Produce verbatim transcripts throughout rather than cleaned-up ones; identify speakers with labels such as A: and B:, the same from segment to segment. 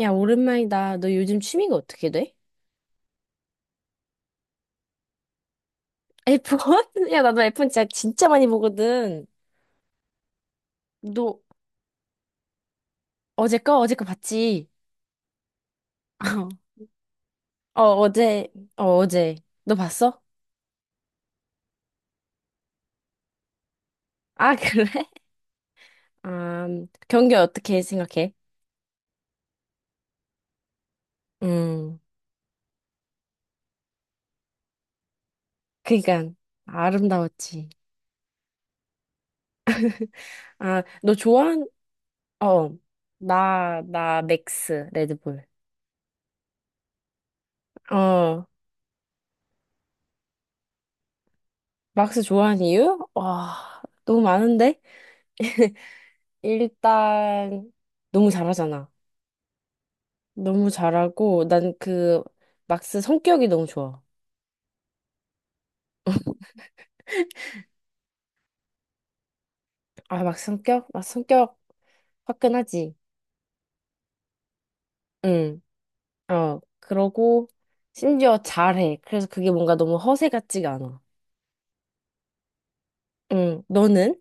A: 야, 오랜만이다. 너 요즘 취미가 어떻게 돼? 에프원? 야, 나도 에프원 진짜, 진짜 많이 보거든. 너 어제 거? 어제 거 봤지? 어, 어제. 어, 어제. 너 봤어? 아, 그래? 아, 경기 어떻게 생각해? 음, 그니까, 아름다웠지. 아, 너 좋아한, 어, 나, 나, 맥스, 레드불. 어, 막스 좋아하는 이유? 와, 너무 많은데? 일단, 너무 잘하잖아. 너무 잘하고 난 그 막스 성격이 너무 좋아. 아, 막 성격? 막 성격 화끈하지. 응. 어. 그러고 심지어 잘해. 그래서 그게 뭔가 너무 허세 같지가 않아. 응. 너는?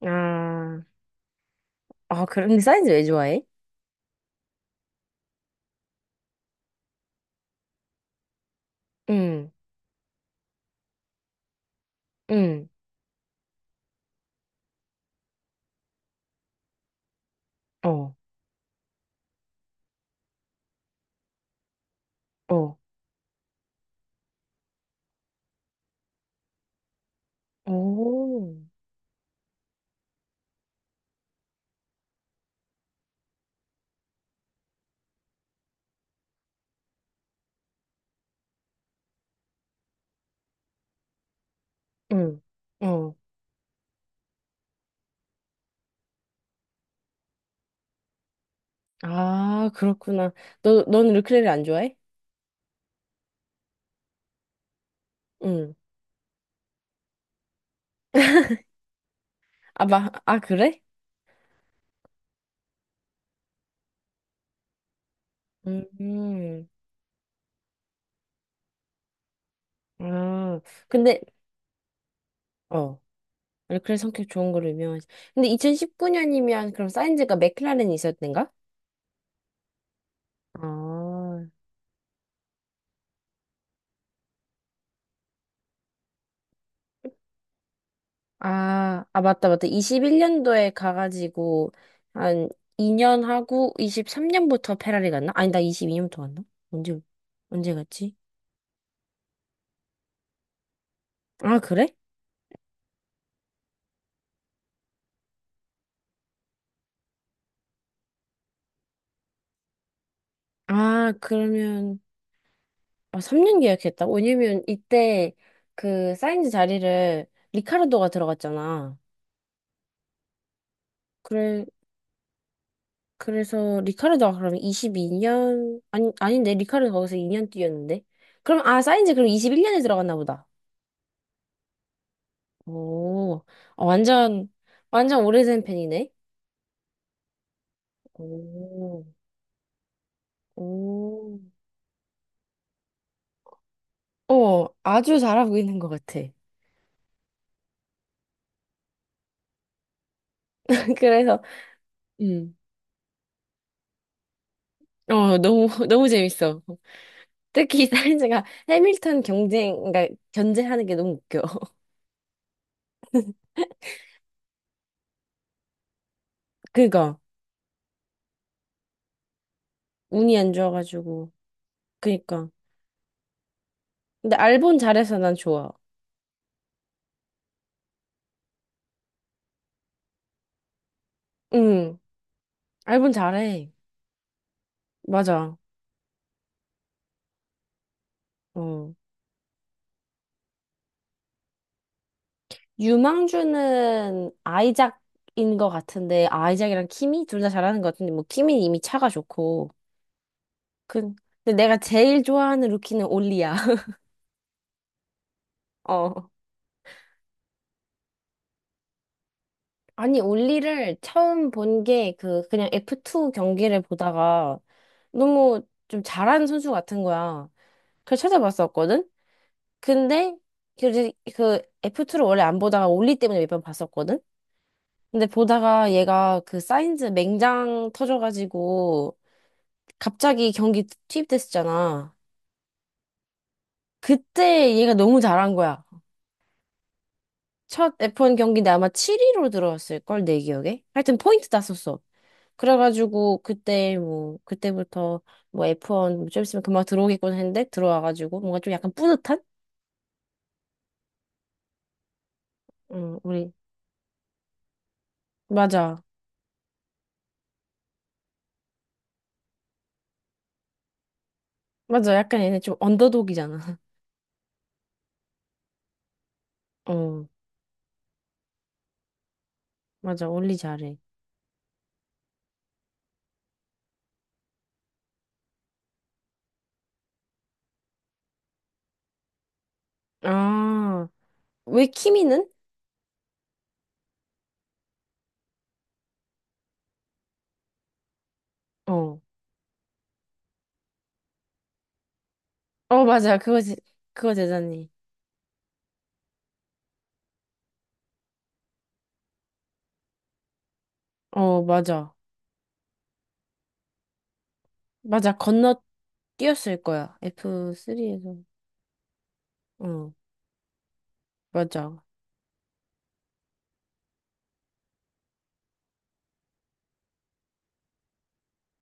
A: 아. 아, 그런데 사이즈 왜 좋아해? 응. 응. 어. 어. 오. 응. 어. 아, 그렇구나. 너 너는 르클레를 안 좋아해? 응. 아, 막, 아, 그래? 음. 아. 근데 어. 원래 그래 성격 좋은 걸로 유명하지. 근데 이천십구 년이면 그럼 사인즈가 맥클라렌이 있었던가? 아, 아, 아, 맞다, 맞다. 이십일 년도에 가가지고, 한 이 년 하고, 이십삼 년부터 페라리 갔나? 아니, 나 이십이 년부터 갔나? 언제, 언제 갔지? 아, 그래? 아, 그러면, 아, 삼 년 계약했다? 왜냐면, 이때, 그, 사인즈 자리를 리카르도가 들어갔잖아. 그래, 그래서 리카르도가 그러면 이십이 년, 아니, 아닌데 리카르도 거기서 이 년 뛰었는데, 그럼, 아, 사인즈 그럼 이십일 년에 들어갔나 보다. 오. 어, 완전 완전 오래된 팬이네. 오. 오. 어, 아주 잘하고 있는 것 같아. 그래서 음 어 너무 너무 재밌어. 특히 사인즈가 해밀턴 경쟁, 그러니까 견제하는 게 너무 웃겨. 그니까. 운이 안 좋아가지고. 그니까, 근데 알본 잘해서 난 좋아. 응. 알본 잘해. 맞아. 어. 유망주는 아이작인 것 같은데, 아이작이랑 키미? 둘 다 잘하는 것 같은데, 뭐, 키미는 이미 차가 좋고. 그- 근데 내가 제일 좋아하는 루키는 올리야. 어. 아니, 올리를 처음 본 게 그, 그냥 에프투 경기를 보다가 너무 좀 잘하는 선수 같은 거야. 그래서 찾아봤었거든? 근데, 그, 그 에프투를 원래 안 보다가 올리 때문에 몇 번 봤었거든? 근데 보다가 얘가 그 사인즈 맹장 터져가지고 갑자기 경기 투입됐었잖아. 그때 얘가 너무 잘한 거야. 첫 에프원 경기인데 아마 칠 위로 들어왔을걸, 내 기억에? 하여튼 포인트 땄었어. 그래가지고 그때 뭐, 그때부터 뭐 에프원 좀 있으면 금방 들어오겠구나 했는데 들어와가지고 뭔가 좀 약간 뿌듯한? 응, 우리. 맞아. 맞아. 약간 얘네 좀 언더독이잖아. 어, 맞아. 올리 잘해. 아, 왜 키미는? 어. 어, 맞아. 그거, 제- 그거 대단히. 어, 맞아. 맞아. 건너 뛰었을 거야. 에프쓰리에서. 어, 맞아.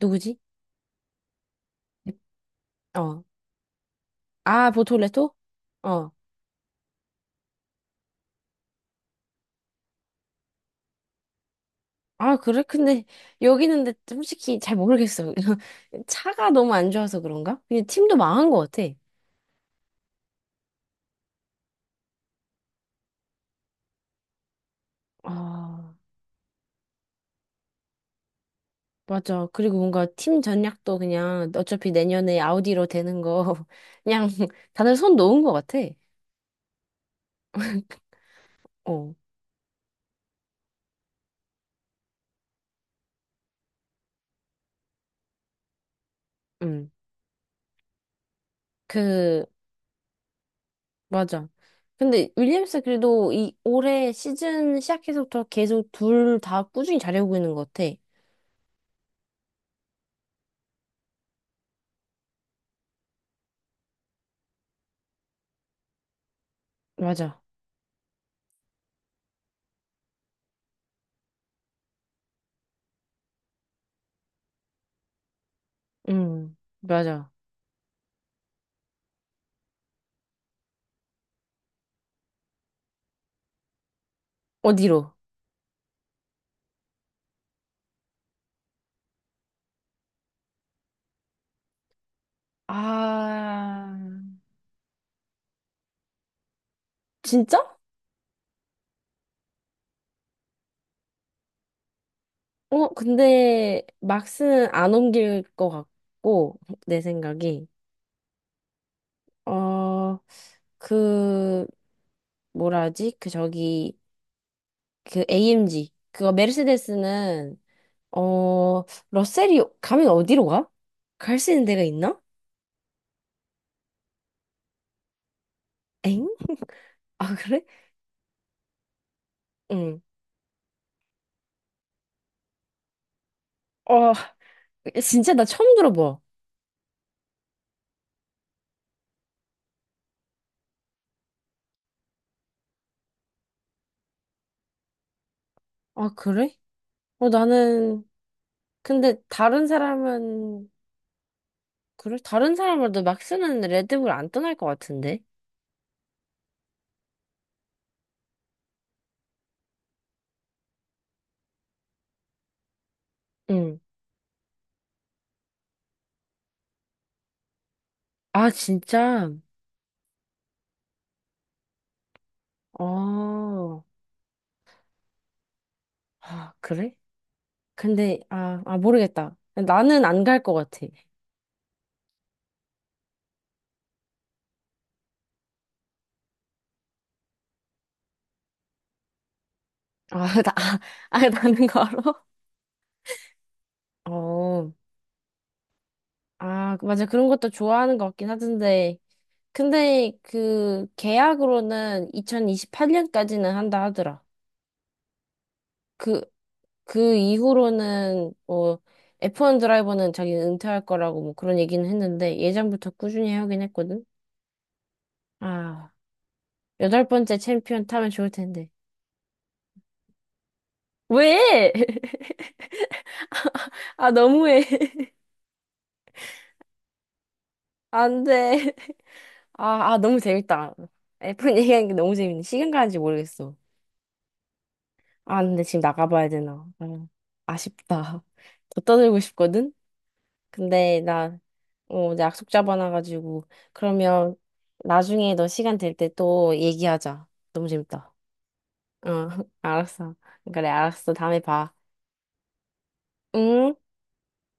A: 누구지? 어. 아, 보톨레토? 어. 아, 그래? 근데 여기는, 근데 솔직히 잘 모르겠어. 차가 너무 안 좋아서 그런가? 그냥 팀도 망한 것 같아. 아, 맞아. 그리고 뭔가 팀 전략도 그냥 어차피 내년에 아우디로 되는 거 그냥 다들 손 놓은 것 같아. 어, 음. 그 맞아. 근데 윌리엄스 그래도 이 올해 시즌 시작해서부터 계속 둘 다 꾸준히 잘해오고 있는 것 같아. 맞아. 음, 맞아. 어디로? 아, 진짜? 어, 근데 막스는 안 옮길 것 같고, 내 생각이. 어, 그, 뭐라 하지? 그 저기, 그 에이엠지. 그거 메르세데스는, 어, 러셀이 가면 어디로 가? 갈 수 있는 데가 있나? 엥? 아, 그래? 응. 어, 진짜 나 처음 들어봐. 아, 그래? 어, 나는, 근데 다른 사람은, 그래? 다른 사람으로도 막 쓰는 레드불 안 떠날 것 같은데? 응. 아, 진짜? 어, 아, 그래? 근데, 아, 아, 모르겠다. 나는 안 갈 것 같아. 아, 나, 아, 아, 나는 걸어? 어, 아, 맞아. 그런 것도 좋아하는 것 같긴 하던데. 근데 그 계약으로는 이천이십팔 년까지는 한다 하더라. 그, 그 이후로는 뭐 에프원 드라이버는 자기는 은퇴할 거라고 뭐 그런 얘기는 했는데 예전부터 꾸준히 하긴 했거든. 아, 여덟 번째 챔피언 타면 좋을 텐데. 왜? 아, 너무해. 안 돼. 아, 아, 너무 재밌다. 에프원 얘기하는 게 너무 재밌네. 시간 가는지 모르겠어. 아, 근데 지금 나가봐야 되나. 아, 아쉽다. 더 떠들고 싶거든? 근데 나, 어, 이제 약속 잡아놔가지고. 그러면 나중에 너 시간 될 때 또 얘기하자. 너무 재밌다. 어, 알았어. 그래, 알았어. 다음에 봐. 응?